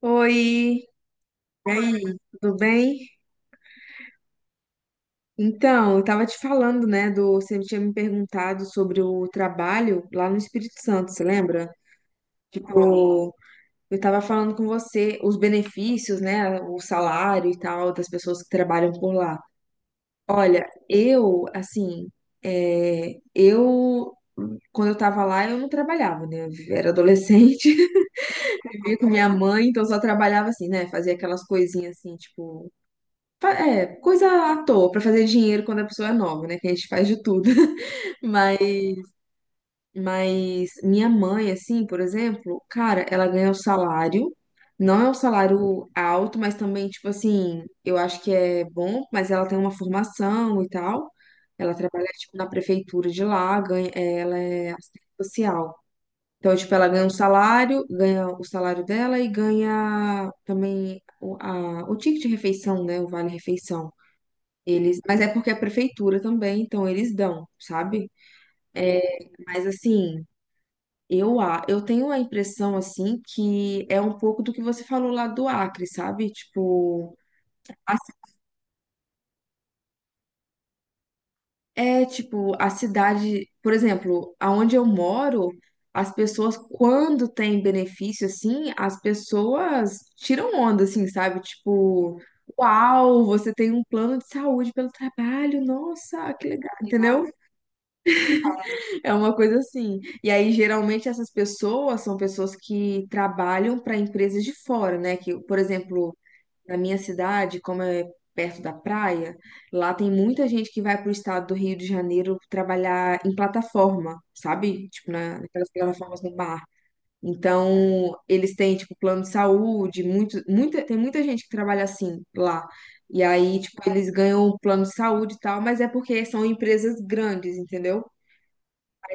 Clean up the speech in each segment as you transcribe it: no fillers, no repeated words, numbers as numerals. Oi, e aí, tudo bem? Então, eu tava te falando, né, você tinha me perguntado sobre o trabalho lá no Espírito Santo, você lembra? Tipo, eu tava falando com você os benefícios, né, o salário e tal das pessoas que trabalham por lá. Olha, assim, é, eu, quando eu tava lá, eu não trabalhava, né, eu era adolescente, vivia com minha mãe, então eu só trabalhava assim, né, fazia aquelas coisinhas assim, tipo é, coisa à toa pra fazer dinheiro quando a pessoa é nova, né? Que a gente faz de tudo. Mas, mas minha mãe, assim, por exemplo, cara, ela ganha o salário. Não é um salário alto, mas também, tipo assim, eu acho que é bom, mas ela tem uma formação e tal. Ela trabalha, tipo, na prefeitura de lá, ganha, é, ela é assistente social. Então, tipo, ela ganha um salário, ganha o salário dela e ganha também o ticket de refeição, né? O vale-refeição. Eles, mas é porque é a prefeitura também, então eles dão, sabe? Mas assim, eu tenho a impressão assim que é um pouco do que você falou lá do Acre, sabe? Tipo, a ci- é tipo a cidade, por exemplo, aonde eu moro, as pessoas quando tem benefício assim, as pessoas tiram onda assim, sabe? Tipo, uau, você tem um plano de saúde pelo trabalho, nossa, que legal, entendeu? É uma coisa assim. E aí, geralmente, essas pessoas são pessoas que trabalham para empresas de fora, né? Que, por exemplo, na minha cidade, como é perto da praia, lá tem muita gente que vai para o estado do Rio de Janeiro trabalhar em plataforma, sabe? Tipo, naquelas plataformas no mar. Então, eles têm, tipo, plano de saúde, muito, muita, tem muita gente que trabalha assim lá. E aí, tipo, eles ganham um plano de saúde e tal, mas é porque são empresas grandes, entendeu?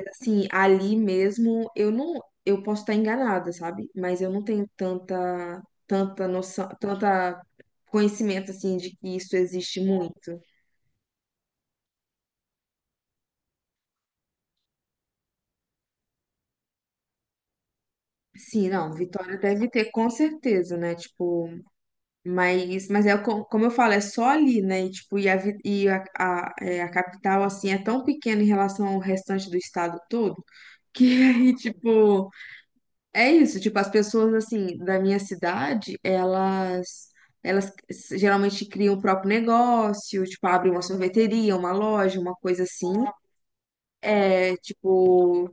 Assim, ali mesmo, eu não, eu posso estar enganada, sabe? Mas eu não tenho tanta noção, tanta conhecimento assim de que isso existe muito. Sim, não, Vitória deve ter com certeza, né? Tipo, mas, como eu falo, é só ali, né? E, tipo, e a capital assim é tão pequena em relação ao restante do estado todo que aí, tipo é isso, tipo, as pessoas assim da minha cidade, elas geralmente criam o próprio negócio, tipo, abrem uma sorveteria, uma loja, uma coisa assim. É, tipo,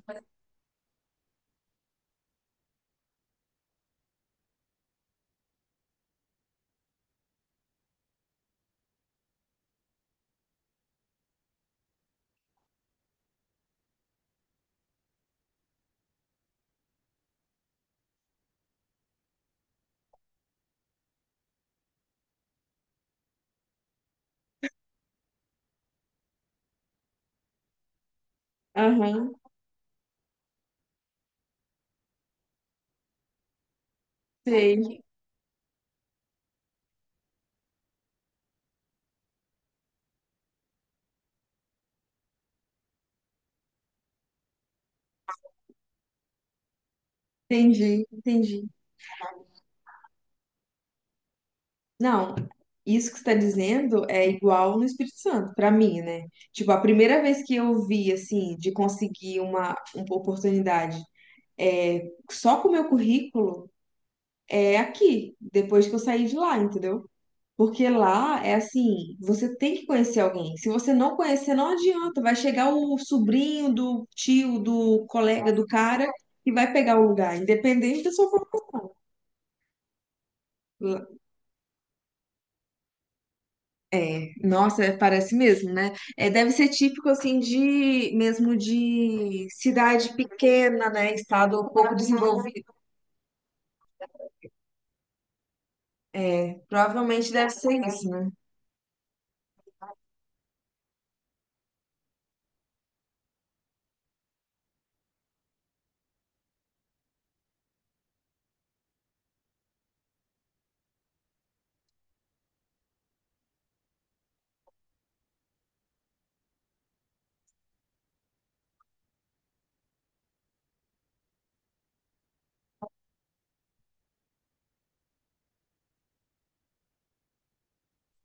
aham, sei, entendi, entendi. Não, isso que você está dizendo é igual no Espírito Santo, para mim, né? Tipo, a primeira vez que eu vi assim de conseguir uma oportunidade é, só com o meu currículo é aqui, depois que eu saí de lá, entendeu? Porque lá é assim, você tem que conhecer alguém. Se você não conhecer, não adianta. Vai chegar o sobrinho do tio, do colega do cara que vai pegar o lugar, independente da sua formação. Lá- nossa, é, parece mesmo, né? É, deve ser típico assim de mesmo de cidade pequena, né? Estado um pouco desenvolvido. Provavelmente deve ser isso, né?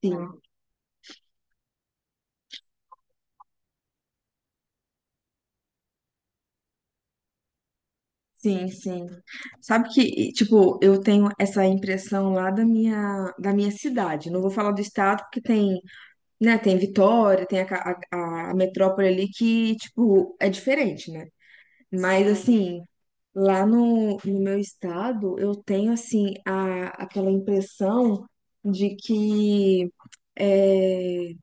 Sim. Sim, sim. Sabe que, tipo, eu tenho essa impressão lá da minha cidade. Não vou falar do estado, porque tem, né, tem Vitória, tem a metrópole ali que, tipo, é diferente, né? Mas, sim. Assim, lá no meu estado, eu tenho, assim, a, aquela impressão de que eh,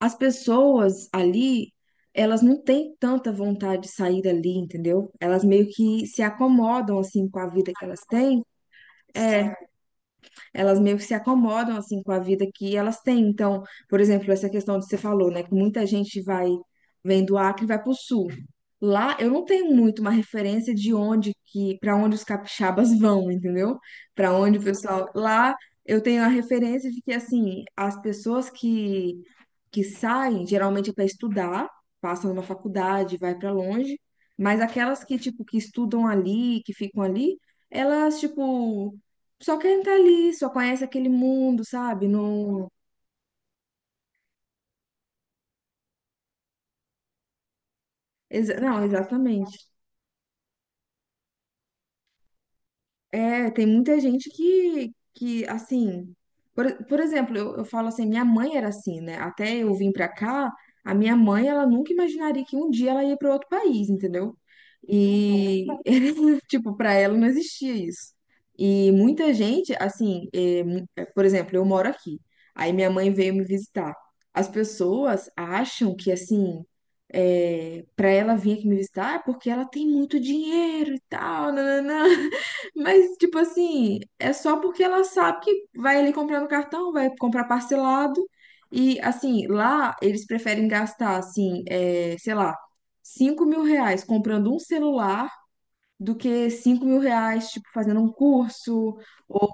as pessoas ali, elas não têm tanta vontade de sair dali, entendeu? Elas meio que se acomodam assim com a vida que elas têm. É, elas meio que se acomodam assim com a vida que elas têm. Então, por exemplo, essa questão que você falou, né, que muita gente vai vem do Acre e vai para o sul. Lá eu não tenho muito uma referência de onde que para onde os capixabas vão, entendeu? Para onde o pessoal lá eu tenho a referência de que assim, as pessoas que saem, geralmente é para estudar, passam numa faculdade, vai para longe, mas aquelas que, tipo, que estudam ali, que ficam ali, elas, tipo, só querem estar ali, só conhecem aquele mundo, sabe? Não, não, exatamente. É, tem muita gente que assim, por exemplo, eu falo assim, minha mãe era assim, né? Até eu vim pra cá, a minha mãe, ela nunca imaginaria que um dia ela ia para outro país, entendeu? E, tipo, pra ela não existia isso. E muita gente, assim, é, por exemplo, eu moro aqui, aí minha mãe veio me visitar. As pessoas acham que, assim, é, para ela vir aqui me visitar é porque ela tem muito dinheiro e tal, nananã. Mas, tipo assim, é só porque ela sabe que vai ali comprar no cartão, vai comprar parcelado. E, assim, lá eles preferem gastar, assim, é, sei lá, R$ 5.000 comprando um celular do que R$ 5.000, tipo, fazendo um curso. Ou,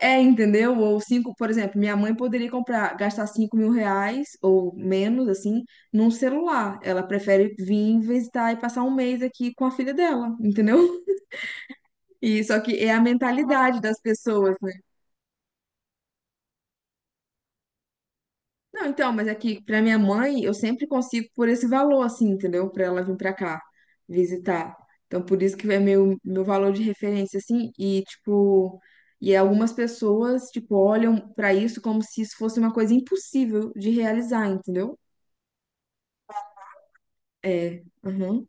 é, entendeu? Ou cinco, por exemplo, minha mãe poderia comprar, gastar R$ 5.000 ou menos, assim, num celular. Ela prefere vir visitar e passar um mês aqui com a filha dela, entendeu? E só que é a mentalidade das pessoas, né? Não, então, mas é que pra minha mãe, eu sempre consigo por esse valor, assim, entendeu? Pra ela vir pra cá visitar. Então, por isso que é meu valor de referência, assim, e tipo, e algumas pessoas, tipo, olham pra isso como se isso fosse uma coisa impossível de realizar, entendeu? É, aham.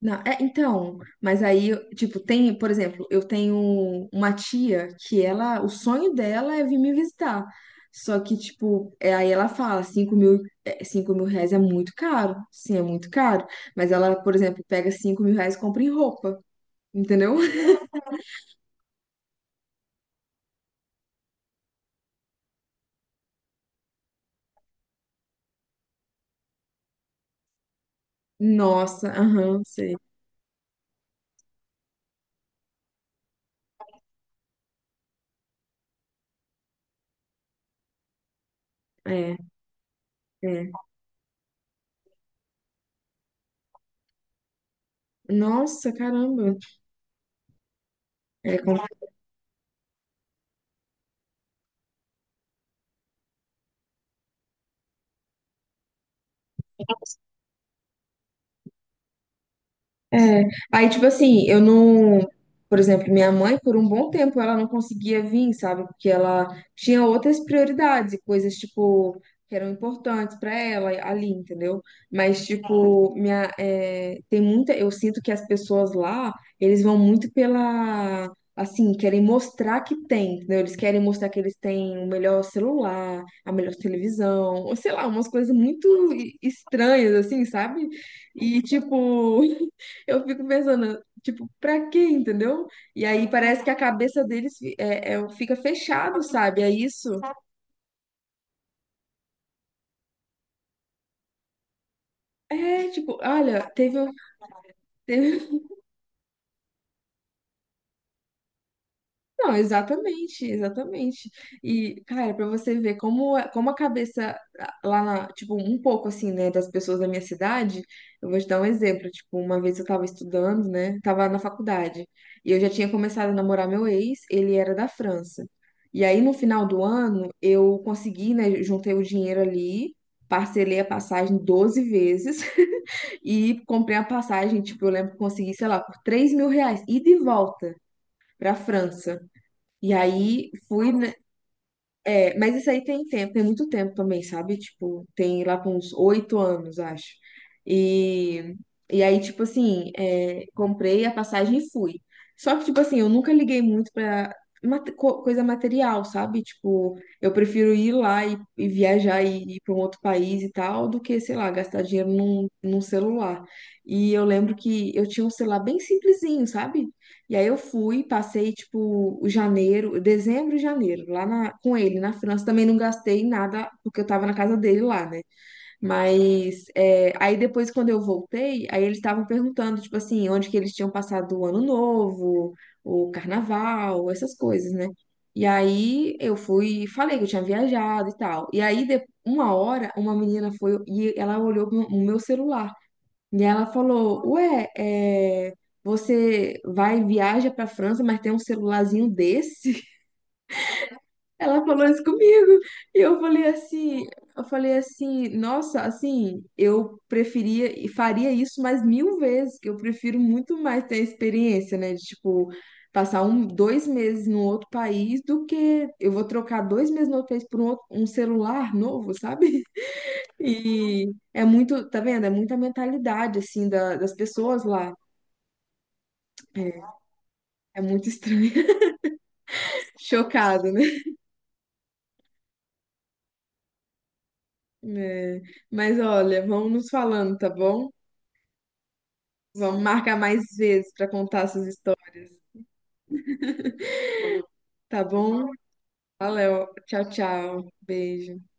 Não, é, então, mas aí, tipo, tem, por exemplo, eu tenho uma tia que ela, o sonho dela é vir me visitar. Só que, tipo, é, aí ela fala, 5.000, é, cinco mil reais é muito caro. Sim, é muito caro. Mas ela, por exemplo, pega R$ 5.000 e compra em roupa, entendeu? Nossa, aham, sei. É, é. Nossa, caramba. É, é, aí, tipo assim, eu não. Por exemplo, minha mãe, por um bom tempo, ela não conseguia vir, sabe? Porque ela tinha outras prioridades e coisas, tipo, que eram importantes pra ela ali, entendeu? Mas, tipo, minha, é, tem muita. Eu sinto que as pessoas lá, eles vão muito pela. Assim, querem mostrar que tem, entendeu? Eles querem mostrar que eles têm o melhor celular, a melhor televisão, ou sei lá, umas coisas muito estranhas, assim, sabe? E, tipo. Eu fico pensando, tipo, pra quê, entendeu? E aí parece que a cabeça deles fica fechado, sabe? É isso. É, tipo, olha, teve. Não, exatamente, exatamente. E, cara, pra você ver como, como a cabeça ah, lá na, tipo, um pouco assim, né, das pessoas da minha cidade, eu vou te dar um exemplo. Tipo, uma vez eu tava estudando, né, tava na faculdade, e eu já tinha começado a namorar meu ex, ele era da França. E aí, no final do ano, eu consegui, né, juntei o dinheiro ali, parcelei a passagem 12 vezes e comprei a passagem, tipo, eu lembro que consegui, sei lá, por R$ 3.000, ida e de volta pra França. E aí fui, né, é, mas isso aí tem tempo, tem muito tempo também, sabe? Tipo, tem lá com uns 8 anos, acho. E, e aí, tipo assim, é, comprei a passagem e fui. Só que, tipo assim, eu nunca liguei muito pra coisa material, sabe? Tipo, eu prefiro ir lá e viajar e ir pra um outro país e tal, do que, sei lá, gastar dinheiro num celular. E eu lembro que eu tinha um celular bem simplesinho, sabe? E aí eu fui, passei tipo o janeiro, dezembro e janeiro, com ele na França. Também não gastei nada, porque eu tava na casa dele lá, né? Mas é, aí depois, quando eu voltei, aí eles estavam perguntando, tipo assim, onde que eles tinham passado o ano novo, o carnaval, essas coisas, né? E aí eu fui, e falei que eu tinha viajado e tal. E aí, uma hora, uma menina foi e ela olhou o meu celular. E ela falou: Ué, é, você vai, viaja pra França, mas tem um celularzinho desse? Ela falou isso comigo. E eu falei assim: eu falei assim, nossa, assim, eu preferia e faria isso mais 1.000 vezes, que eu prefiro muito mais ter a experiência, né? De tipo, passar um, 2 meses num outro país do que eu vou trocar 2 meses no outro país por um, um celular novo, sabe? E. É muito, tá vendo? É muita mentalidade, assim, das pessoas lá. É, é muito estranho. Chocado, né? É. Mas olha, vamos nos falando, tá bom? Vamos marcar mais vezes pra contar essas histórias, tá bom? Valeu. Tchau, tchau. Beijo.